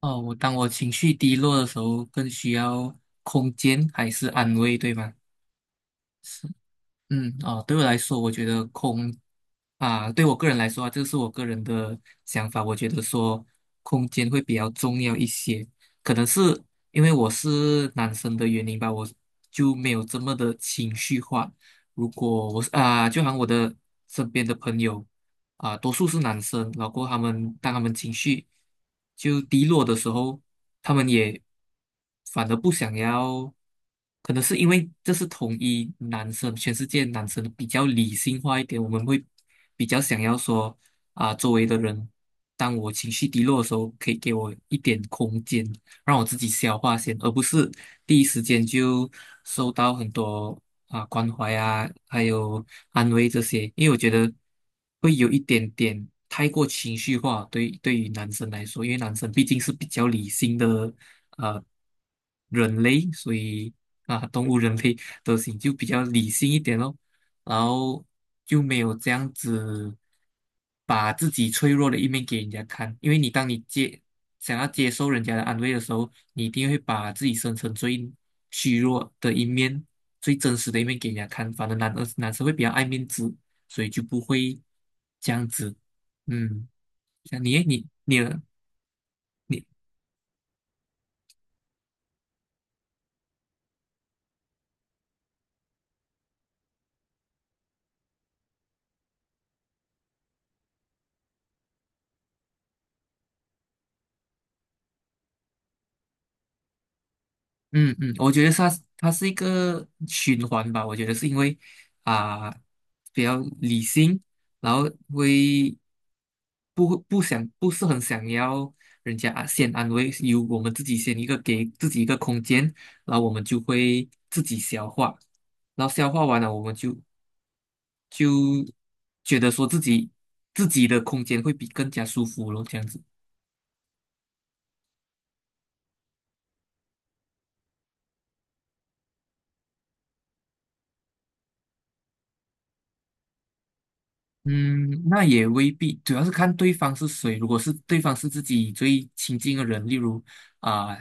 哦，当我情绪低落的时候，更需要空间还是安慰，对吗？是，嗯，哦，对我来说，我觉得空啊，对我个人来说啊，这是我个人的想法，我觉得说空间会比较重要一些，可能是因为我是男生的原因吧，我就没有这么的情绪化。如果我是啊，就好像我的身边的朋友。多数是男生，然后当他们情绪就低落的时候，他们也反而不想要，可能是因为这是统一男生，全世界男生比较理性化一点，我们会比较想要说周围的人，当我情绪低落的时候，可以给我一点空间，让我自己消化先，而不是第一时间就收到很多关怀啊，还有安慰这些，因为我觉得会有一点点太过情绪化，对于男生来说，因为男生毕竟是比较理性的呃人类，所以动物人类德行就比较理性一点咯，然后就没有这样子。把自己脆弱的一面给人家看，因为当你想要接受人家的安慰的时候，你一定会把自己生成最虚弱的一面、最真实的一面给人家看。反正男生会比较爱面子，所以就不会这样子。嗯，像你嗯，我觉得它是一个循环吧。我觉得是因为啊、比较理性，然后会不是很想要人家先安慰，由我们自己先一个给自己一个空间，然后我们就会自己消化，然后消化完了，我们就觉得说自己的空间会比更加舒服咯，这样子。嗯，那也未必，主要是看对方是谁。如果是对方是自己最亲近的人，例如啊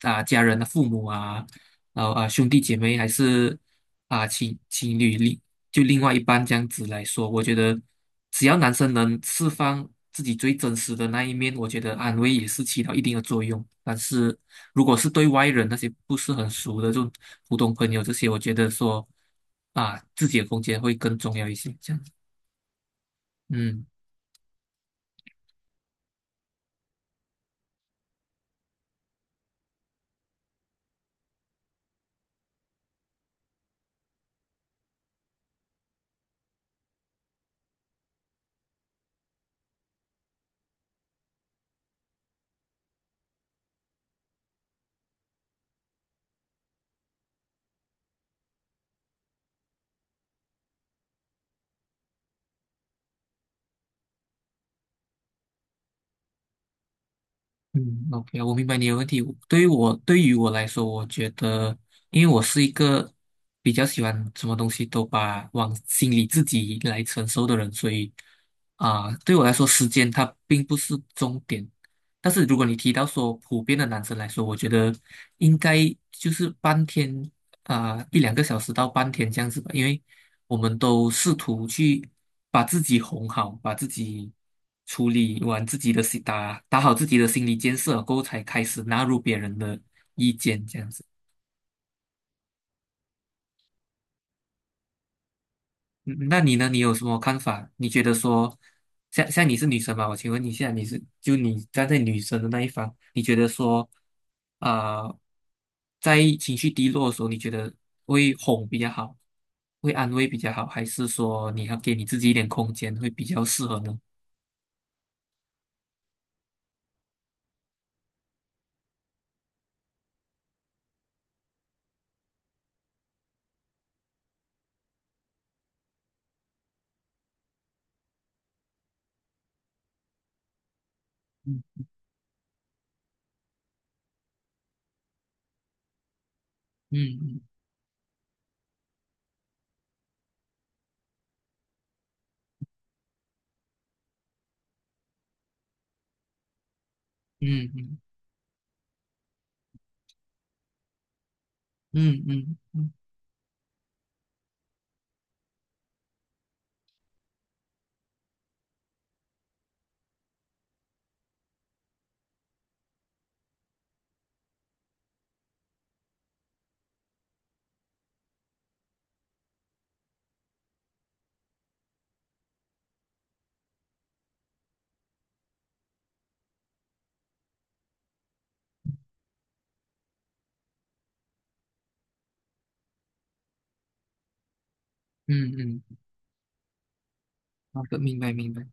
家人的父母啊，然后兄弟姐妹，还是情侣另外一半这样子来说，我觉得只要男生能释放自己最真实的那一面，我觉得安慰也是起到一定的作用。但是如果是对外人那些不是很熟的，这种普通朋友这些，我觉得说自己的空间会更重要一些，这样子。嗯。嗯，OK，我明白你的问题。对于我来说，我觉得，因为我是一个比较喜欢什么东西都把往心里自己来承受的人，所以对我来说，时间它并不是终点。但是如果你提到说普遍的男生来说，我觉得应该就是半天一两个小时到半天这样子吧，因为我们都试图去把自己哄好，把自己处理完自己的心，打好自己的心理建设过后，才开始纳入别人的意见，这样子。嗯，那你呢？你有什么看法？你觉得说，像你是女生吧？我请问你现在就你站在女生的那一方，你觉得说，啊、在情绪低落的时候，你觉得会哄比较好，会安慰比较好，还是说你要给你自己一点空间会比较适合呢？嗯嗯嗯嗯嗯嗯嗯嗯嗯，好的，明白明白。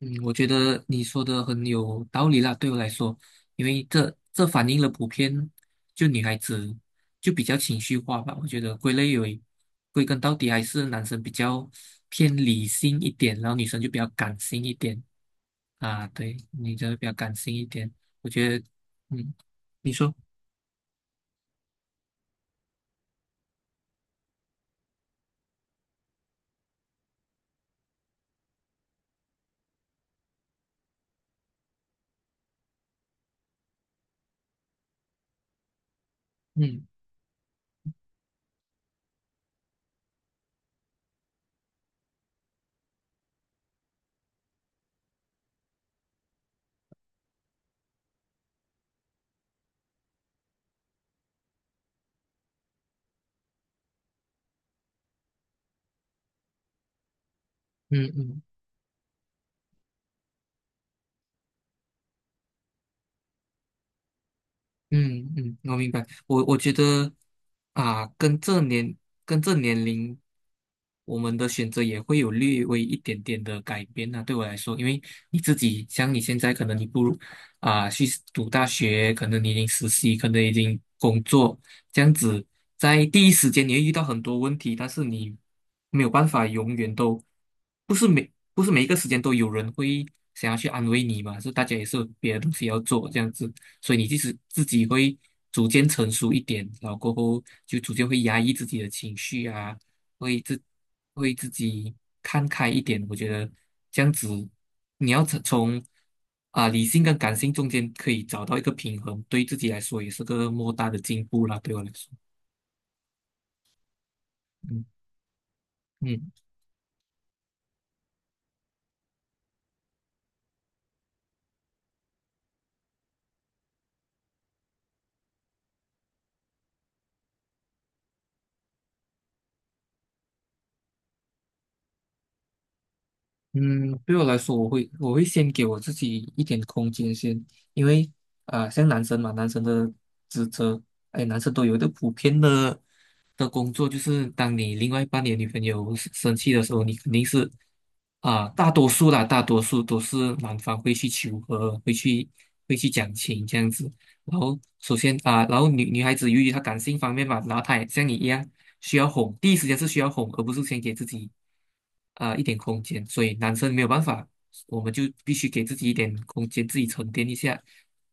嗯，我觉得你说的很有道理啦，对我来说，因为这反映了普遍就女孩子就比较情绪化吧。我觉得归类为归根到底还是男生比较偏理性一点，然后女生就比较感性一点啊。对，女生比较感性一点，我觉得，嗯，你说，嗯嗯嗯。嗯嗯，我明白。我觉得啊，跟这年龄，我们的选择也会有略微一点点的改变呢，对我来说，因为你自己像你现在，可能你不如去读大学，可能你已经实习，可能已经工作，这样子，在第一时间你会遇到很多问题，但是你没有办法永远都不是每一个时间都有人会想要去安慰你嘛，是大家也是有别的东西要做这样子。所以你即使自己会逐渐成熟一点，然后过后就逐渐会压抑自己的情绪啊，会自会自己看开一点。我觉得这样子，你要从理性跟感性中间可以找到一个平衡，对自己来说也是个莫大的进步啦。对我来说，嗯嗯。嗯，对我来说，我会先给我自己一点空间先，因为像男生嘛，男生的职责，哎，男生都有一个普遍的工作，就是当你另外一半你的女朋友生气的时候，你肯定是大多数都是男方会去求和，会去讲情这样子。然后首先然后女孩子由于她感性方面嘛，然后她也像你一样。需要哄，第一时间是需要哄，而不是先给自己一点空间。所以男生没有办法，我们就必须给自己一点空间，自己沉淀一下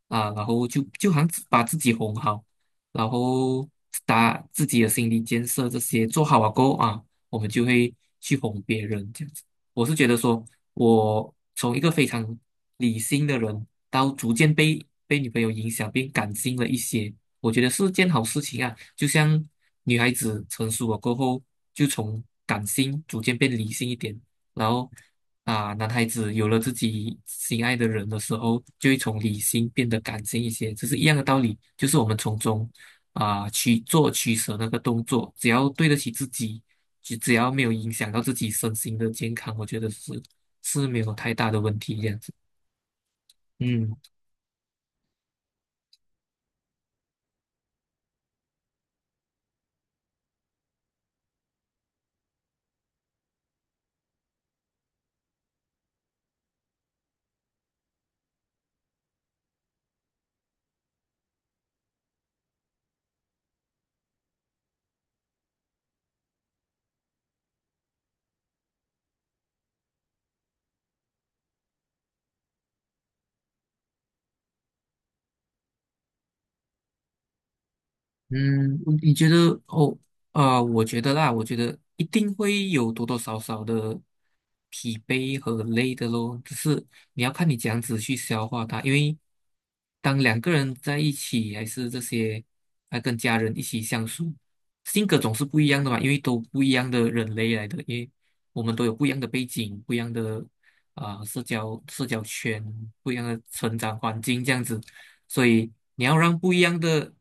然后就好像把自己哄好，然后打自己的心理建设这些做好了过后啊，我们就会去哄别人这样子。我是觉得说，我从一个非常理性的人，到逐渐被女朋友影响，变感性了一些。我觉得是件好事情啊。就像女孩子成熟了过后，就从感性逐渐变理性一点，然后男孩子有了自己心爱的人的时候，就会从理性变得感性一些，这是一样的道理。就是我们从中去做取舍那个动作，只要对得起自己，只要没有影响到自己身心的健康，我觉得是没有太大的问题这样子。嗯。嗯，你觉得哦，我觉得啦，我觉得一定会有多多少少的疲惫和累的咯，只是你要看你怎样子去消化它，因为当两个人在一起，还是这些，还跟家人一起相处，性格总是不一样的嘛，因为都不一样的人类来的，因为我们都有不一样的背景，不一样的社交圈，不一样的成长环境这样子。所以你要让不一样的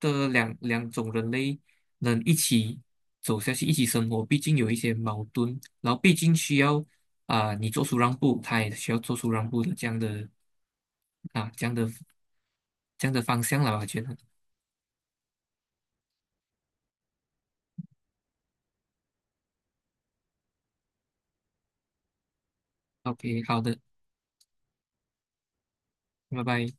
的两种人类能一起走下去，一起生活，毕竟有一些矛盾，然后毕竟需要你做出让步，他也需要做出让步的这样的啊这样的这样的方向了吧，我觉得。OK，好的，拜拜。